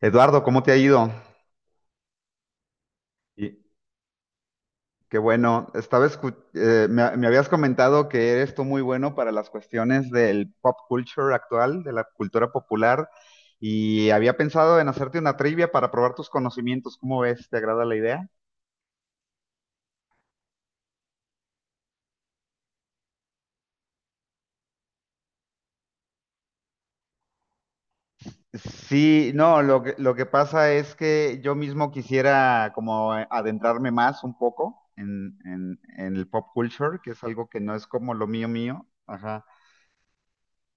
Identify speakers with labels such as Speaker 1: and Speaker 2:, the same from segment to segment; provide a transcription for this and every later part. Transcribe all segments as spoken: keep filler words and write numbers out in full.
Speaker 1: Eduardo, ¿cómo te ha ido? Y qué bueno, estaba escu- eh, me, me habías comentado que eres tú muy bueno para las cuestiones del pop culture actual, de la cultura popular, y había pensado en hacerte una trivia para probar tus conocimientos. ¿Cómo ves? ¿Te agrada la idea? Sí, no, lo que, lo que pasa es que yo mismo quisiera como adentrarme más un poco en, en, en el pop culture, que es algo que no es como lo mío mío. Ajá.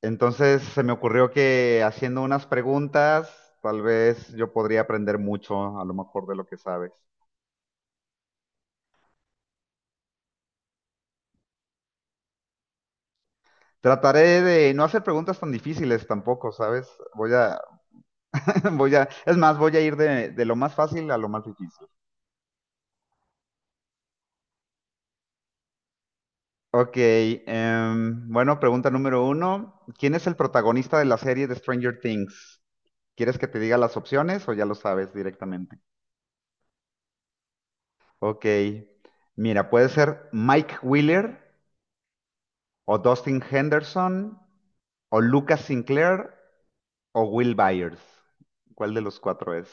Speaker 1: Entonces se me ocurrió que haciendo unas preguntas, tal vez yo podría aprender mucho, a lo mejor de lo que sabes. Trataré de no hacer preguntas tan difíciles tampoco, ¿sabes? Voy a, voy a, es más, voy a ir de, de lo más fácil a lo más difícil. Ok, em, bueno, pregunta número uno. ¿Quién es el protagonista de la serie de Stranger Things? ¿Quieres que te diga las opciones o ya lo sabes directamente? Ok, mira, puede ser Mike Wheeler, o Dustin Henderson, o Lucas Sinclair, o Will Byers. ¿Cuál de los cuatro es?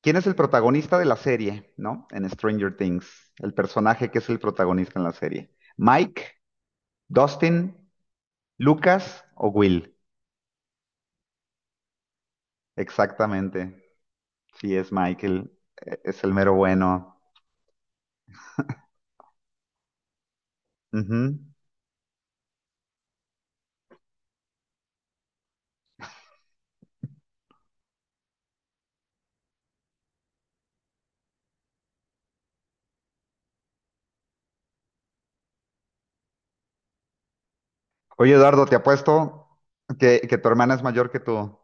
Speaker 1: ¿Quién es el protagonista de la serie, no? En Stranger Things, el personaje que es el protagonista en la serie. Mike, Dustin, Lucas o Will. Exactamente. Sí, es Michael. Es el mero bueno. Ujú. Oye, Eduardo, te apuesto que, que tu hermana es mayor que tú.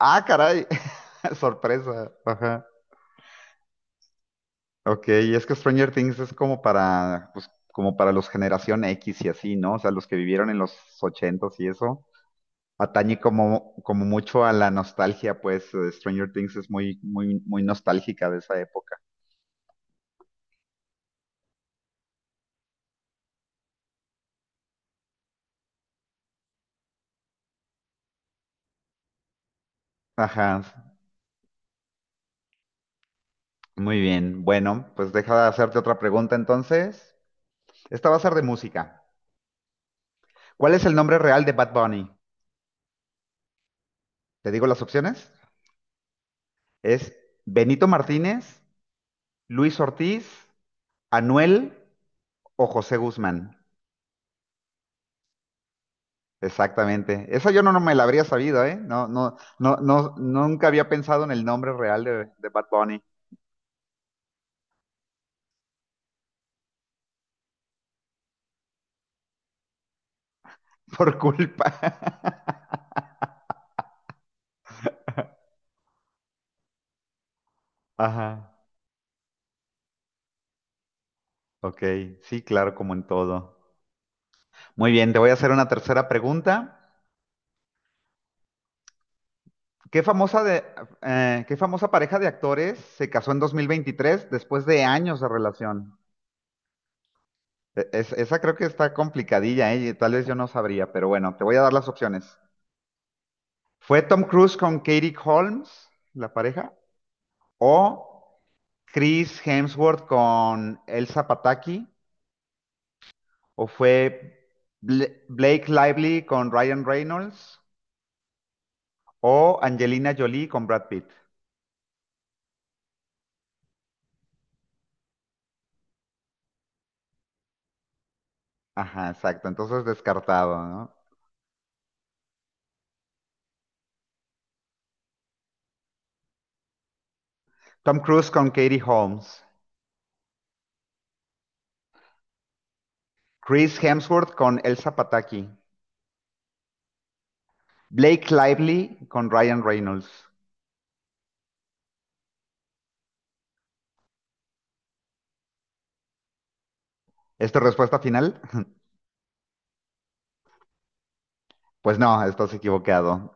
Speaker 1: Ah, caray. Sorpresa. Ajá. Ok, y es que Stranger Things es como para, pues, como para los generación X y así, ¿no? O sea, los que vivieron en los ochentas y eso. Atañe como, como mucho a la nostalgia, pues eh, Stranger Things es muy, muy, muy nostálgica de esa época. Ajá, muy bien. Bueno, pues deja de hacerte otra pregunta entonces. Esta va a ser de música. ¿Cuál es el nombre real de Bad Bunny? Te digo las opciones. Es Benito Martínez, Luis Ortiz, Anuel o José Guzmán. Exactamente. Esa yo no, no me la habría sabido, ¿eh? No, no, no, no, nunca había pensado en el nombre real de, de Bad Bunny por culpa. Ajá. Ok, sí, claro, como en todo. Muy bien, te voy a hacer una tercera pregunta. ¿Qué famosa de, eh, qué famosa pareja de actores se casó en dos mil veintitrés después de años de relación? E- es- esa creo que está complicadilla, ¿eh? Y tal vez yo no sabría, pero bueno, te voy a dar las opciones. ¿Fue Tom Cruise con Katie Holmes, la pareja? ¿O Chris Hemsworth con Elsa Pataki? ¿O fue Bla- Blake Lively con Ryan Reynolds? ¿O Angelina Jolie con Brad Pitt? Ajá, exacto. Entonces descartado, ¿no? Tom Cruise con Katie Holmes. Chris Hemsworth con Elsa Pataki. Blake Lively con Ryan Reynolds. ¿Es tu respuesta final? Pues no, estás equivocado.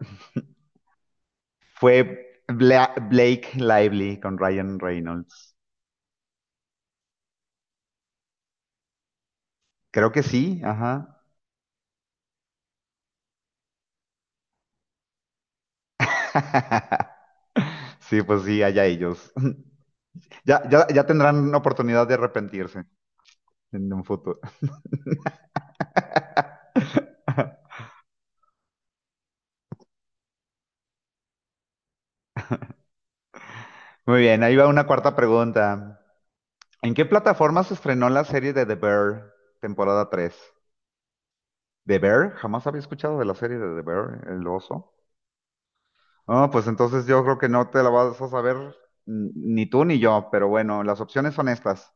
Speaker 1: Fue Bla- Blake Lively con Ryan Reynolds. Creo que sí, ajá. Sí, pues sí, allá ellos. Ya, ya, ya tendrán oportunidad de arrepentirse en un futuro. Muy bien, ahí va una cuarta pregunta. ¿En qué plataforma se estrenó la serie de The Bear, temporada tres? ¿The Bear? Jamás había escuchado de la serie de The Bear, el oso. Ah, pues entonces yo creo que no te la vas a saber n- ni tú ni yo, pero bueno, las opciones son estas.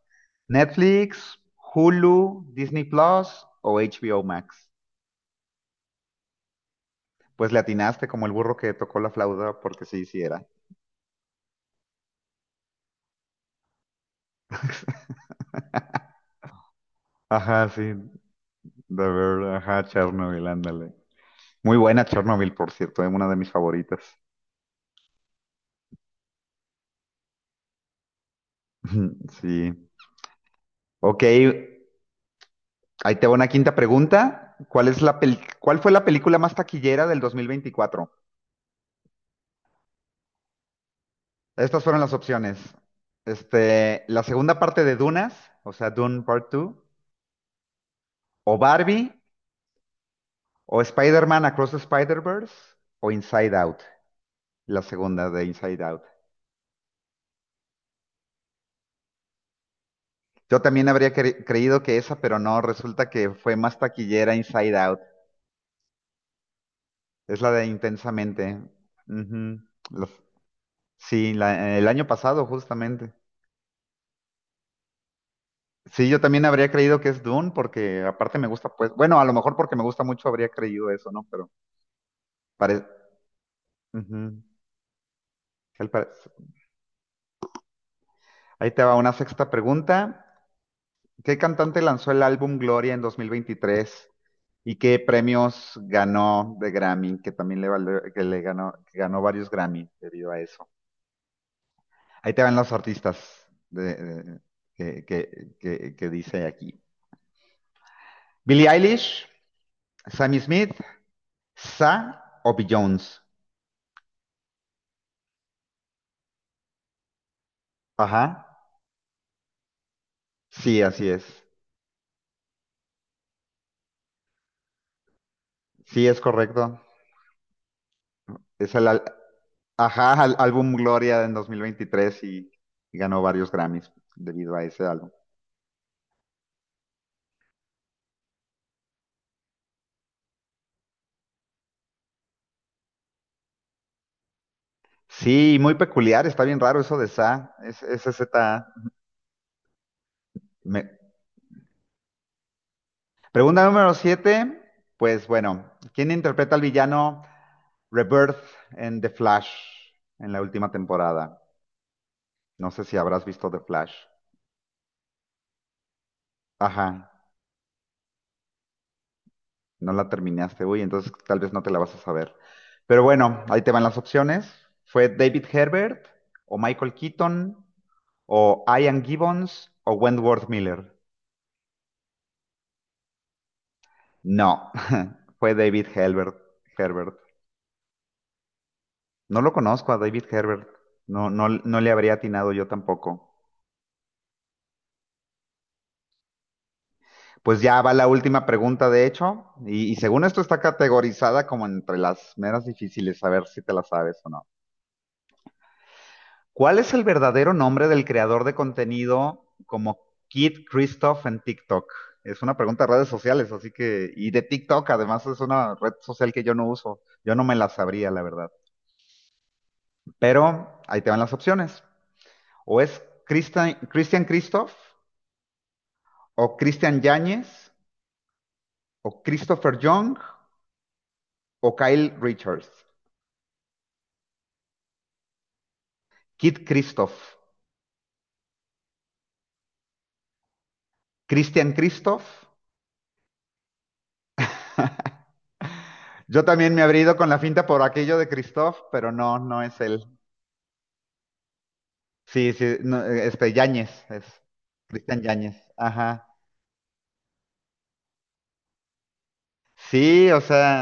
Speaker 1: Netflix, Hulu, Disney Plus o H B O Max. Pues le atinaste como el burro que tocó la flauta porque sí, sí era. Ajá, sí, de ver, ajá, Chernobyl, ándale. Muy buena Chernobyl, por cierto, es una de mis favoritas. Sí. Ok, ahí te va una quinta pregunta. ¿Cuál es la peli, cuál fue la película más taquillera del dos mil veinticuatro? Estas fueron las opciones. Este, la segunda parte de Dunas, o sea, Dune Part dos, o Barbie, o Spider-Man Across the Spider-Verse, o Inside Out. La segunda de Inside Out. Yo también habría cre- creído que esa, pero no, resulta que fue más taquillera Inside Out. Es la de Intensamente. Ujú. Los- sí, la- el año pasado justamente. Sí, yo también habría creído que es Dune porque aparte me gusta, pues, bueno, a lo mejor porque me gusta mucho habría creído eso, ¿no? Pero parece... Ahí te va una sexta pregunta. ¿Qué cantante lanzó el álbum Gloria en dos mil veintitrés? ¿Y qué premios ganó de Grammy? Que también le valió- que le ganó, que ganó varios Grammy debido a eso. Ahí te van los artistas de- de- que, que- que- que dice aquí. Billie Eilish, Sammy Smith, Sa o Jones. Ajá. Sí, así es. Sí, es correcto. Es el al- ajá, al- álbum Gloria en dos mil veintitrés y, y ganó varios Grammys debido a ese álbum. Sí, muy peculiar, está bien raro eso de Sa, es, ese Z. A. Me- Pregunta número siete. Pues bueno, ¿quién interpreta al villano Rebirth en The Flash, en la última temporada? No sé si habrás visto The Flash. Ajá, no la terminaste. Uy, entonces tal vez no te la vas a saber. Pero bueno, ahí te van las opciones. Fue David Herbert o Michael Keaton o Ian Gibbons o Wentworth Miller. No, fue David Herbert. Herbert. No lo conozco a David Herbert. No, no, no le habría atinado yo tampoco. Pues ya va la última pregunta, de hecho, y, y según esto está categorizada como entre las menos difíciles, a ver si te la sabes o no. ¿Cuál es el verdadero nombre del creador de contenido como Kid Christoph en TikTok? Es una pregunta de redes sociales, así que, y de TikTok, además es una red social que yo no uso, yo no me la sabría, la verdad. Pero ahí te van las opciones. O es Christian, Christian Christoph, o Christian Yáñez, o Christopher Young, o Kyle Richards. Kid Christoph. Christian Christoph. Yo también me habría ido con la finta por aquello de Christoph, pero no, no es él. Sí, sí, no, este, Yáñez, es Cristian Yáñez. Ajá. Sí, o sea,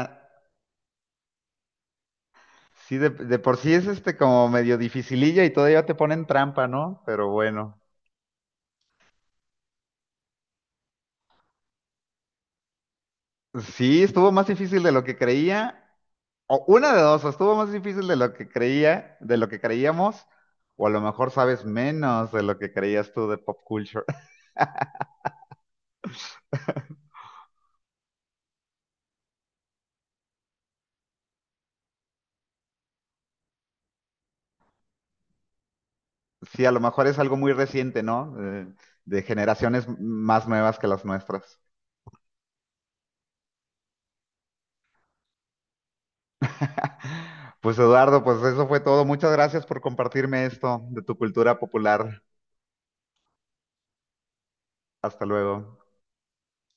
Speaker 1: sí, de, de por sí es este como medio dificililla y todavía te ponen trampa, ¿no? Pero bueno. Sí, estuvo más difícil de lo que creía. O una de dos, o estuvo más difícil de lo que creía, de lo que creíamos, o a lo mejor sabes menos de lo que creías tú de pop culture. Sí, a lo mejor es algo muy reciente, ¿no? Eh, de generaciones más nuevas que las nuestras. Pues Eduardo, pues eso fue todo. Muchas gracias por compartirme esto de tu cultura popular. Hasta luego.